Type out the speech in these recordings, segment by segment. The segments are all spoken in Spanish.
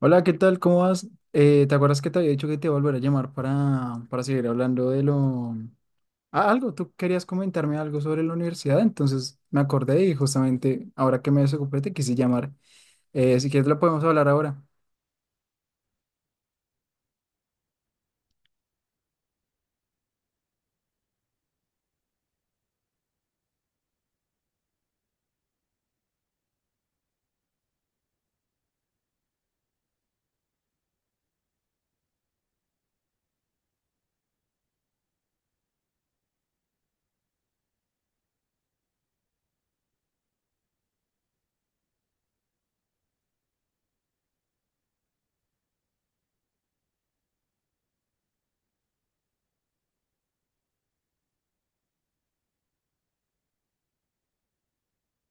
Hola, ¿qué tal? ¿Cómo vas? ¿Te acuerdas que te había dicho que te iba a volver a llamar para seguir hablando de lo... Ah, algo, tú querías comentarme algo sobre la universidad, entonces me acordé y justamente ahora que me desocupé te quise llamar. Si quieres lo podemos hablar ahora.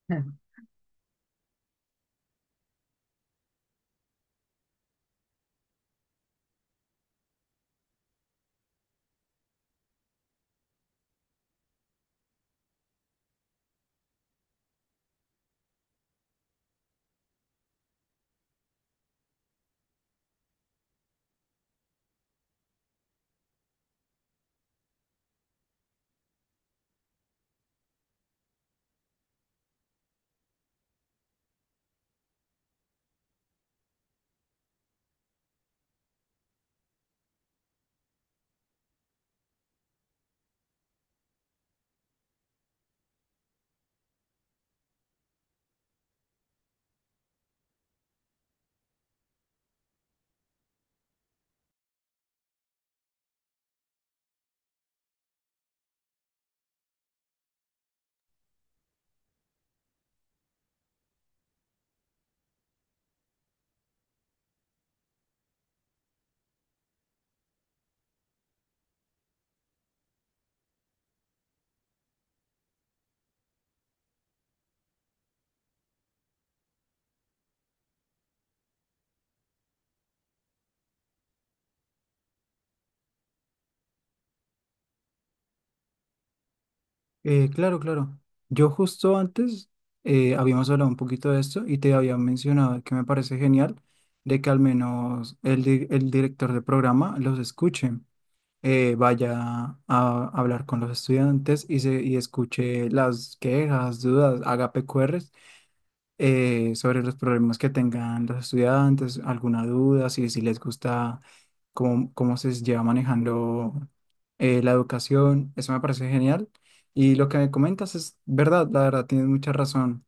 Mm. Claro, claro. Yo justo antes habíamos hablado un poquito de esto y te había mencionado que me parece genial de que al menos el director de programa los escuche. Vaya a hablar con los estudiantes y escuche las quejas, dudas, haga PQRs, sobre los problemas que tengan los estudiantes, alguna duda, si les gusta cómo se lleva manejando la educación. Eso me parece genial. Y lo que me comentas es verdad, la verdad, tienes mucha razón.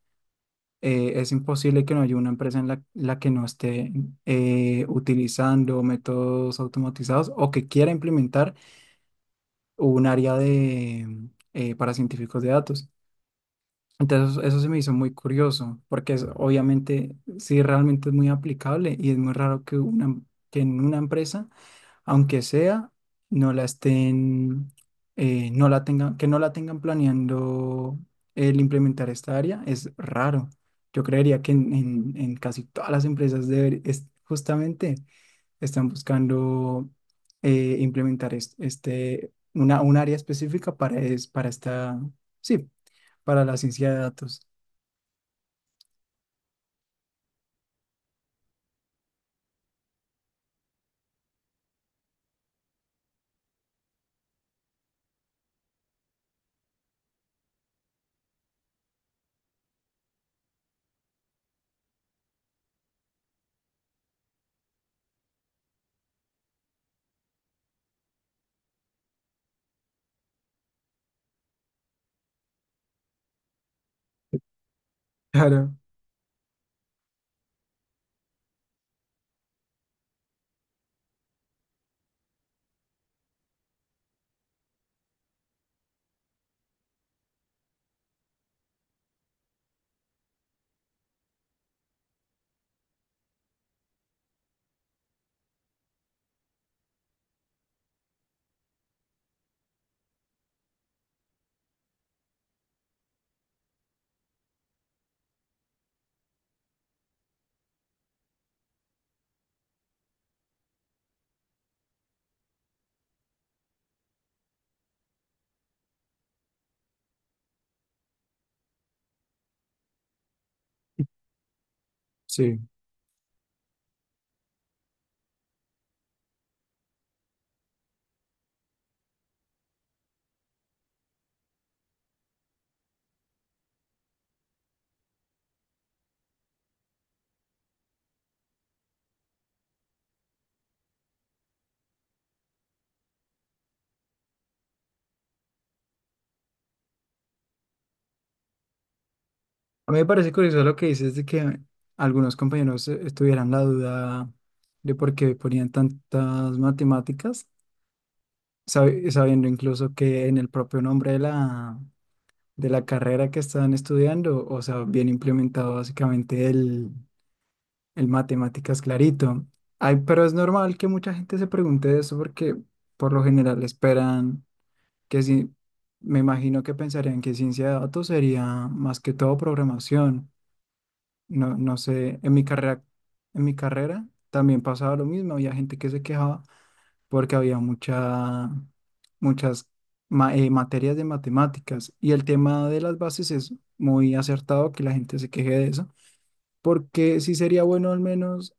Es imposible que no haya una empresa en la que no esté utilizando métodos automatizados o que quiera implementar o un área de, para científicos de datos. Entonces eso se me hizo muy curioso, porque es, obviamente sí realmente es muy aplicable y es muy raro que en una empresa, aunque sea, no la no la tengan, que no la tengan planeando el implementar esta área, es raro. Yo creería que en casi todas las empresas es justamente están buscando implementar un área específica para esta, sí, para la ciencia de datos. Claro, sí. A mí me parece curioso lo que dices de que algunos compañeros tuvieran la duda de por qué ponían tantas matemáticas, sabiendo incluso que en el propio nombre de de la carrera que están estudiando, o sea, viene implementado básicamente el matemáticas, clarito. Ay, pero es normal que mucha gente se pregunte eso porque por lo general esperan que si, me imagino que pensarían que ciencia de datos sería más que todo programación. No, no sé, en mi carrera también pasaba lo mismo. Había gente que se quejaba porque había muchas materias de matemáticas, y el tema de las bases es muy acertado que la gente se queje de eso porque sí sería bueno al menos,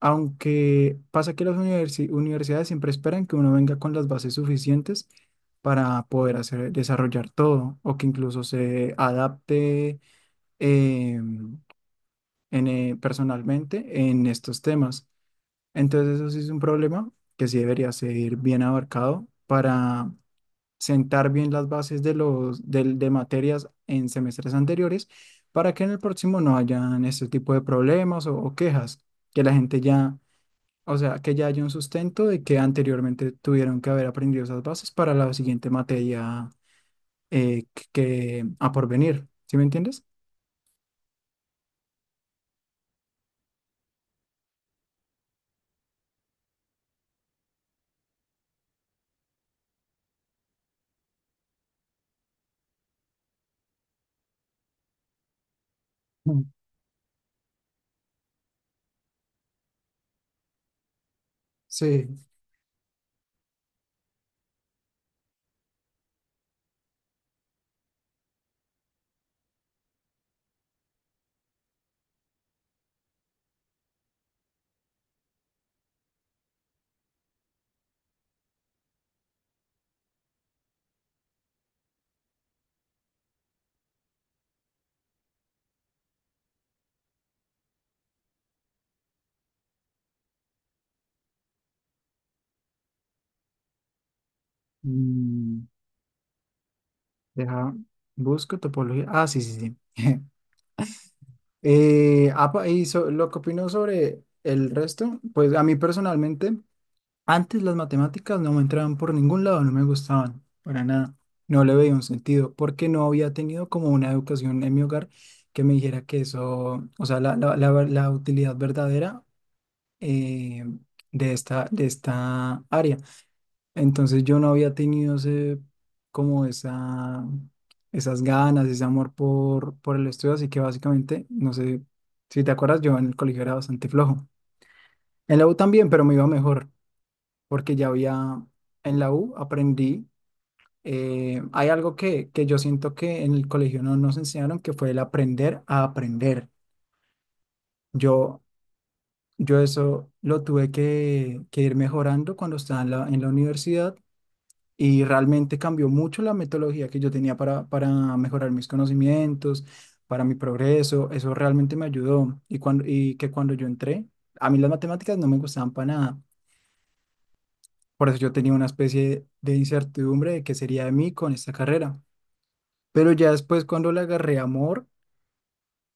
aunque pasa que las universidades siempre esperan que uno venga con las bases suficientes para poder hacer, desarrollar todo o que incluso se adapte, eh, personalmente, en estos temas. Entonces eso sí es un problema que sí debería ser bien abarcado para sentar bien las bases de materias en semestres anteriores, para que en el próximo no hayan este tipo de problemas o quejas, que la gente ya, o sea, que ya haya un sustento de que anteriormente tuvieron que haber aprendido esas bases para la siguiente materia, que a porvenir, ¿sí me entiendes? Mm. Sí. Mm, deja, busco topología. Ah, sí, sí, sí. Lo que opino sobre el resto, pues a mí personalmente, antes las matemáticas no me entraban por ningún lado, no me gustaban, para nada. No le veía un sentido, porque no había tenido como una educación en mi hogar que me dijera que eso, o sea, la utilidad verdadera eh, de de esta área. Entonces yo no había tenido ese, como esa, esas ganas, ese amor por el estudio, así que básicamente, no sé si te acuerdas, yo en el colegio era bastante flojo. En la U también, pero me iba mejor porque ya había, en la U aprendí. Hay algo que yo siento que en el colegio no nos enseñaron, que fue el aprender a aprender. Yo, yo eso lo tuve que ir mejorando cuando estaba en en la universidad, y realmente cambió mucho la metodología que yo tenía para mejorar mis conocimientos, para mi progreso. Eso realmente me ayudó. Y, cuando, y que cuando yo entré, a mí las matemáticas no me gustaban para nada. Por eso yo tenía una especie de incertidumbre de qué sería de mí con esta carrera. Pero ya después cuando le agarré amor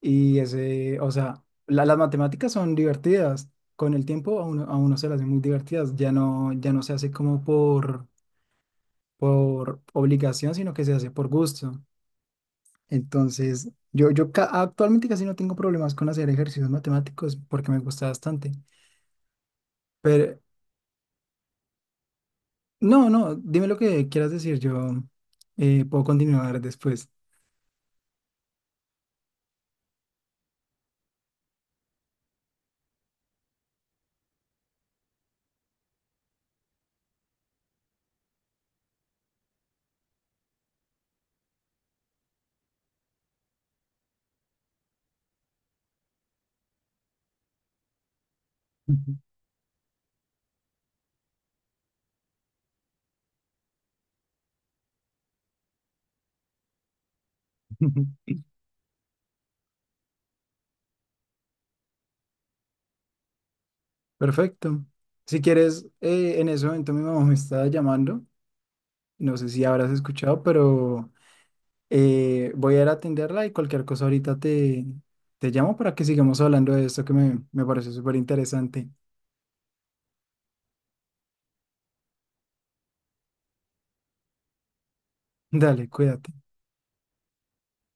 y ese, o sea, las matemáticas son divertidas. Con el tiempo a a uno se las hace muy divertidas. Ya no, ya no se hace como por obligación, sino que se hace por gusto. Entonces, actualmente casi no tengo problemas con hacer ejercicios matemáticos porque me gusta bastante. Pero no, no, dime lo que quieras decir. Yo puedo continuar después. Perfecto. Si quieres, en ese momento mi mamá me está llamando. No sé si habrás escuchado, pero voy a ir a atenderla y cualquier cosa ahorita te llamo para que sigamos hablando de esto que me parece súper interesante. Dale, cuídate.